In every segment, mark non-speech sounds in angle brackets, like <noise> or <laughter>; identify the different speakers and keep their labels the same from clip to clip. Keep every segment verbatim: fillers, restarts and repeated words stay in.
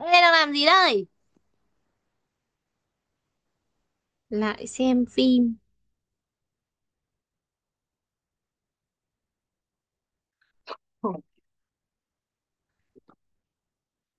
Speaker 1: Ê, đang làm gì đây? Lại xem phim. Khổ,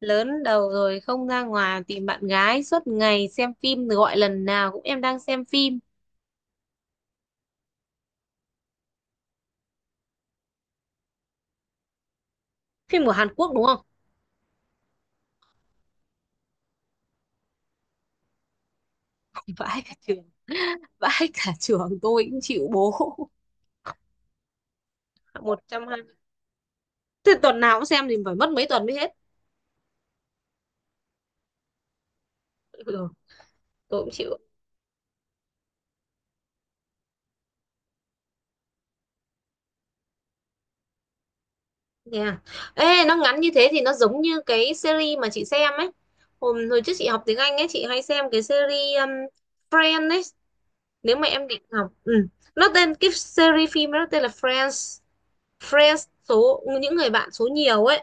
Speaker 1: lớn đầu rồi không ra ngoài tìm bạn gái suốt ngày xem phim rồi gọi lần nào cũng em đang xem phim. Phim của Hàn Quốc đúng không? <laughs> Vãi cả trường, vãi cả trường tôi cũng chịu bố. <laughs> một trăm hai mươi. Thế tuần nào cũng xem thì phải mất mấy tuần mới hết. Ừ, tôi cũng chịu. Nè. Ê, nó ngắn như thế thì nó giống như cái series mà chị xem ấy. Hôm hồi trước chị học tiếng Anh ấy, chị hay xem cái series um, Friends ấy, nếu mà em định học ừ. Nó tên cái series phim nó tên là Friends. Friends số những người bạn số nhiều ấy.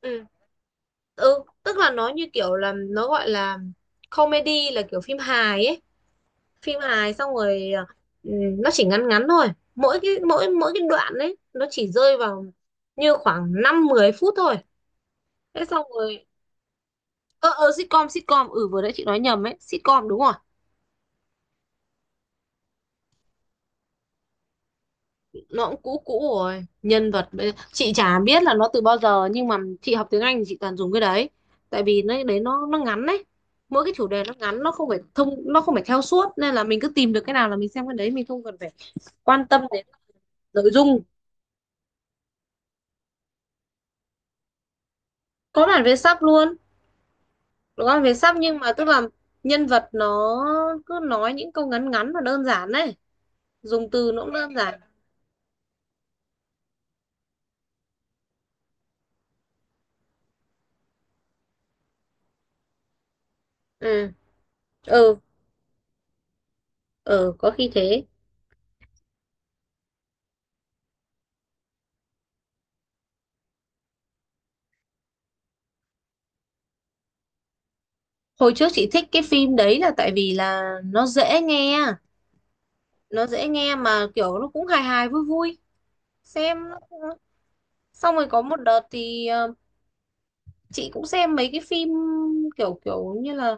Speaker 1: Ừ. Ừ, tức là nó như kiểu là nó gọi là comedy, là kiểu phim hài ấy. Phim hài xong rồi ờ, ừ, nó chỉ ngắn ngắn thôi, mỗi cái mỗi mỗi cái đoạn ấy nó chỉ rơi vào như khoảng năm mười phút thôi. Thế xong rồi ờ ờ sitcom, sitcom ừ vừa nãy chị nói nhầm ấy, sitcom đúng rồi. Nó cũng cũ cũ rồi, nhân vật chị chả biết là nó từ bao giờ, nhưng mà chị học tiếng Anh thì chị toàn dùng cái đấy. Tại vì nó đấy, nó nó ngắn đấy, mỗi cái chủ đề nó ngắn, nó không phải thông, nó không phải theo suốt nên là mình cứ tìm được cái nào là mình xem cái đấy, mình không cần phải quan tâm đến nội dung. Có bản vẽ sắp luôn. Có bản vẽ sắp, nhưng mà tức là nhân vật nó cứ nói những câu ngắn ngắn và đơn giản đấy, dùng từ nó cũng đơn giản. Ừ ừ, ừ, có khi thế. Hồi trước chị thích cái phim đấy là tại vì là nó dễ nghe, nó dễ nghe mà kiểu nó cũng hài hài vui vui. Xem xong rồi có một đợt thì ờ, chị cũng xem mấy cái phim kiểu kiểu như là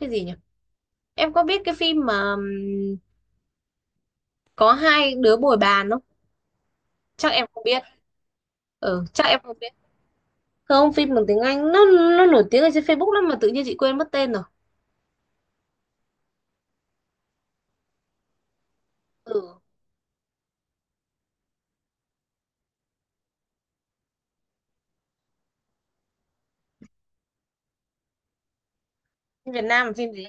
Speaker 1: cái gì nhỉ, em có biết cái phim mà ừm, có hai đứa bồi bàn không? Chắc em không biết, ừ chắc em không biết. Không, phim bằng tiếng Anh, nó nó nổi tiếng ở trên Facebook lắm mà tự nhiên chị quên mất tên rồi. Ừ, phim Việt Nam là phim gì?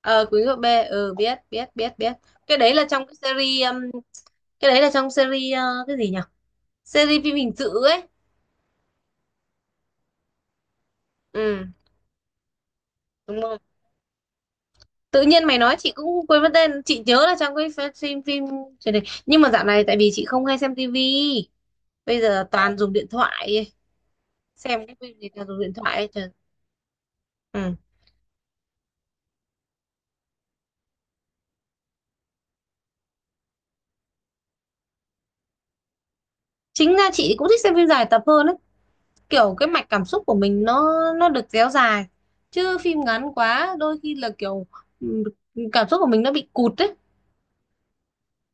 Speaker 1: Ờ, Quý Ngựa B, ừ biết biết biết biết. Cái đấy là trong cái series um, cái đấy là trong series ờ, cái gì nhỉ, series phim hình sự ấy. Ừ. Đúng rồi. Tự nhiên mày nói chị cũng quên mất tên, chị nhớ là trong cái ph- phim, phim truyền hình. Nhưng mà dạo này tại vì chị không hay xem tivi, bây giờ toàn dùng điện thoại. Xem cái phim gì toàn dùng điện thoại ấy. Trời. Ừ. Chính ra chị cũng thích xem phim dài tập hơn ấy, kiểu cái mạch cảm xúc của mình nó nó được kéo dài, chứ phim ngắn quá đôi khi là kiểu ừ, cảm xúc của mình nó bị cụt ấy.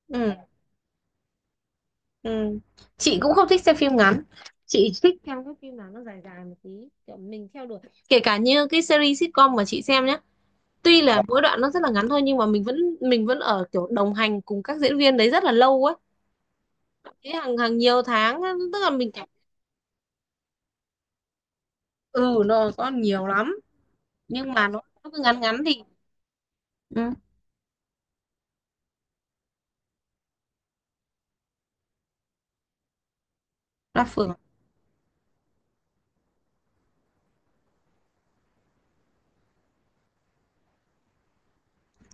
Speaker 1: Ừ. Ừ. Chị cũng không thích xem phim ngắn, chị thích xem các phim nào nó dài dài một tí, kiểu mình theo đuổi. Kể cả như cái series sitcom mà chị xem nhé, tuy là mỗi đoạn nó rất là ngắn thôi nhưng mà mình vẫn mình vẫn ở kiểu đồng hành cùng các diễn viên đấy rất là lâu ấy, thế hàng hàng nhiều tháng á, tức là mình cảm. Ừ, nó có nhiều lắm, nhưng mà nó, nó cứ ngắn ngắn thì ừ, là phượng.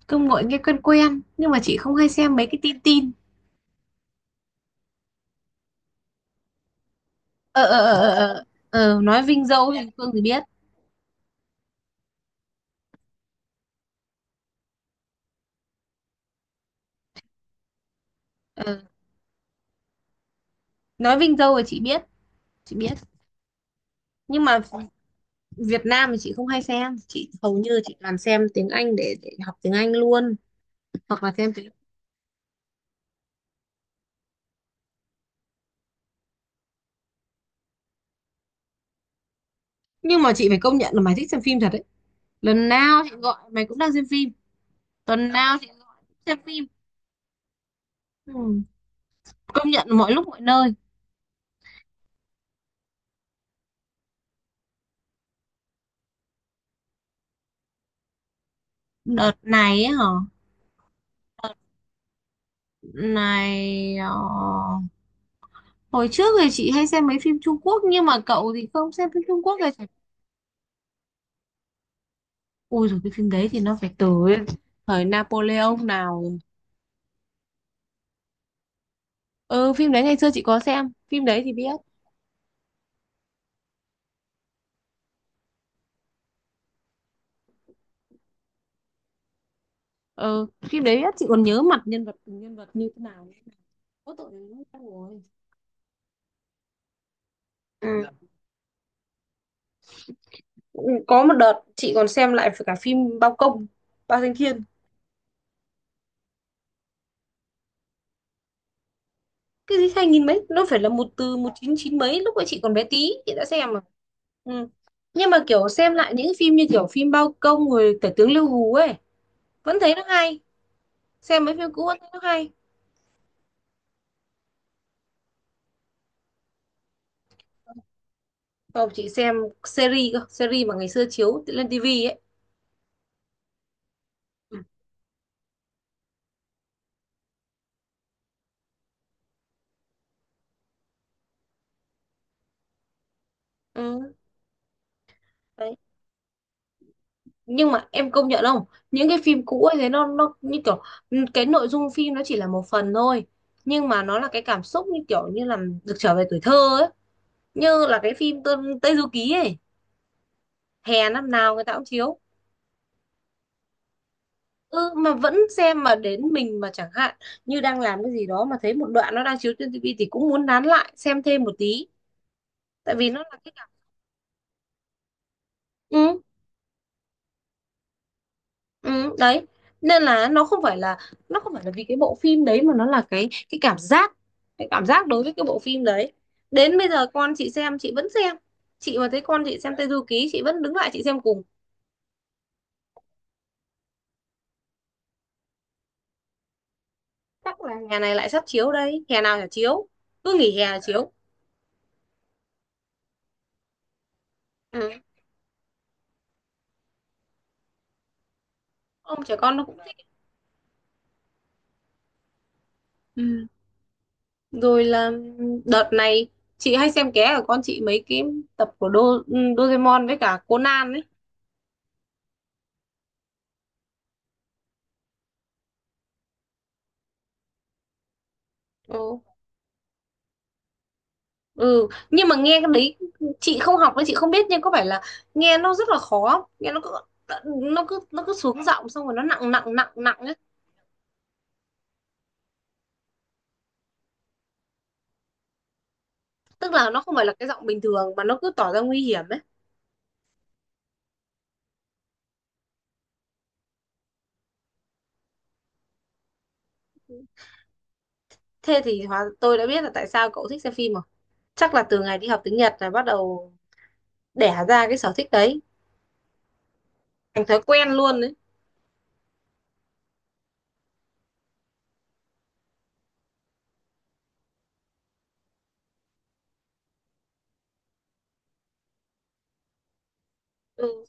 Speaker 1: Cứ ngồi nghe quen quen nhưng mà chị không hay xem mấy cái tin tin. ờ ờ ờ ờ ờ. Ờ, nói Vinh Dâu thì Phương thì biết. Ờ, nói Vinh Dâu thì chị biết, chị biết. Nhưng mà Việt Nam thì chị không hay xem, chị hầu như chị toàn xem tiếng Anh để, để học tiếng Anh luôn, hoặc là xem tiếng. Nhưng mà chị phải công nhận là mày thích xem phim thật đấy, lần nào chị gọi mày cũng đang xem phim, tuần nào chị cũng xem phim. Ừ. Công nhận mọi lúc mọi nơi. Đợt này ấy hả? Này ờ, hồi trước thì chị hay xem mấy phim Trung Quốc nhưng mà cậu thì không xem phim Trung Quốc rồi. Ui rồi, cái phim đấy thì nó phải từ thời Napoleon nào rồi. Ừ, phim đấy ngày xưa chị có xem phim đấy thì biết. Ờ, phim đấy á, chị còn nhớ mặt nhân vật, từng nhân vật như thế nào. Có tội, nó lâu rồi. Ừ. Có một đợt chị còn xem lại cả phim Bao Công, Bao Danh Thiên. Cái gì hai nghìn mấy, nó phải là một từ một chín chín mấy, lúc ấy chị còn bé tí, chị đã xem mà. Ừ. Nhưng mà kiểu xem lại những phim như kiểu phim Bao Công rồi Tể tướng Lưu Hú ấy, vẫn thấy nó hay. Xem mấy phim cũ vẫn thấy nó hay. Không, chị xem series cơ, series mà ngày xưa chiếu lên tivi ấy. Ừ. Ừ. Đấy. Nhưng mà em công nhận không, những cái phim cũ ấy thế nó nó như kiểu ừ, cái nội dung phim nó chỉ là một phần thôi, nhưng mà nó là cái cảm xúc như kiểu như là được trở về tuổi thơ ấy, như là cái phim Tơ- Tây Du Ký ấy. Hè năm nào người ta cũng chiếu. Ừ mà vẫn xem, mà đến mình mà chẳng hạn như đang làm cái gì đó mà thấy một đoạn nó đang chiếu trên tivi thì cũng muốn nán lại xem thêm một tí, tại vì nó là cái cảm. Ừ. Ừ, đấy, nên là nó không phải là nó không phải là vì cái bộ phim đấy, mà nó là cái cái cảm giác, cái cảm giác đối với cái bộ phim đấy. Đến bây giờ con chị xem chị vẫn xem. Chị mà thấy con chị xem Tây Du Ký chị vẫn đứng lại chị xem cùng. Chắc là hè này lại sắp chiếu đây, hè nào chả chiếu, cứ nghỉ hè là chiếu. Ừ. Ông trẻ con nó cũng thích. Ừ. Rồi là đợt này chị hay xem ké của con chị mấy cái tập của Đô, Doraemon với cả Conan ấy. Ừ. Ừ nhưng mà nghe cái đấy, chị không học nên chị không biết, nhưng có phải là nghe nó rất là khó không? Nghe nó cứ nó cứ nó cứ xuống giọng xong rồi nó nặng nặng nặng nặng ấy. Tức là nó không phải là cái giọng bình thường mà nó cứ tỏ ra nguy hiểm ấy. Thế thì hóa tôi đã biết là tại sao cậu thích xem phim rồi, chắc là từ ngày đi học tiếng Nhật là bắt đầu đẻ ra cái sở thích đấy, thành thói quen luôn đấy. Ừ.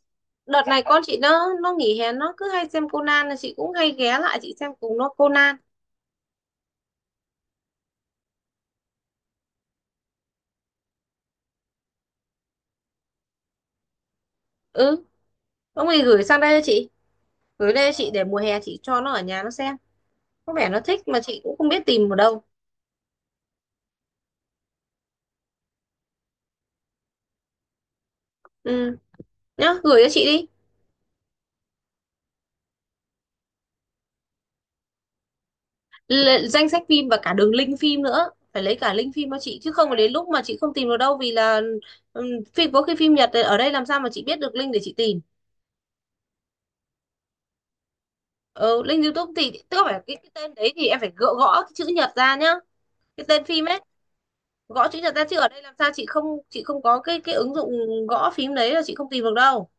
Speaker 1: Đợt này con chị nó nó nghỉ hè nó cứ hay xem Conan là chị cũng hay ghé lại chị xem cùng nó Conan. Ừ, ông ấy gửi sang đây cho chị, gửi đây cho chị để mùa hè chị cho nó ở nhà nó xem, có vẻ nó thích mà chị cũng không biết tìm ở đâu. Ừ. Nhá, gửi cho chị đi. L danh sách phim và cả đường link phim nữa, phải lấy cả link phim cho chị chứ không là đến lúc mà chị không tìm được đâu, vì là ừm, phim có khi phim Nhật ở đây làm sao mà chị biết được link để chị tìm. Ừ, link YouTube thì tức là phải cái, cái tên đấy thì em phải gõ, gõ cái chữ Nhật ra nhá, cái tên phim ấy. Gõ chữ Nhật ra chứ ở đây làm sao chị không, chị không có cái cái ứng dụng gõ phím đấy là chị không tìm được đâu.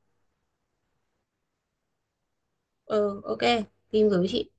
Speaker 1: Ừ, ok, tìm gửi cho chị.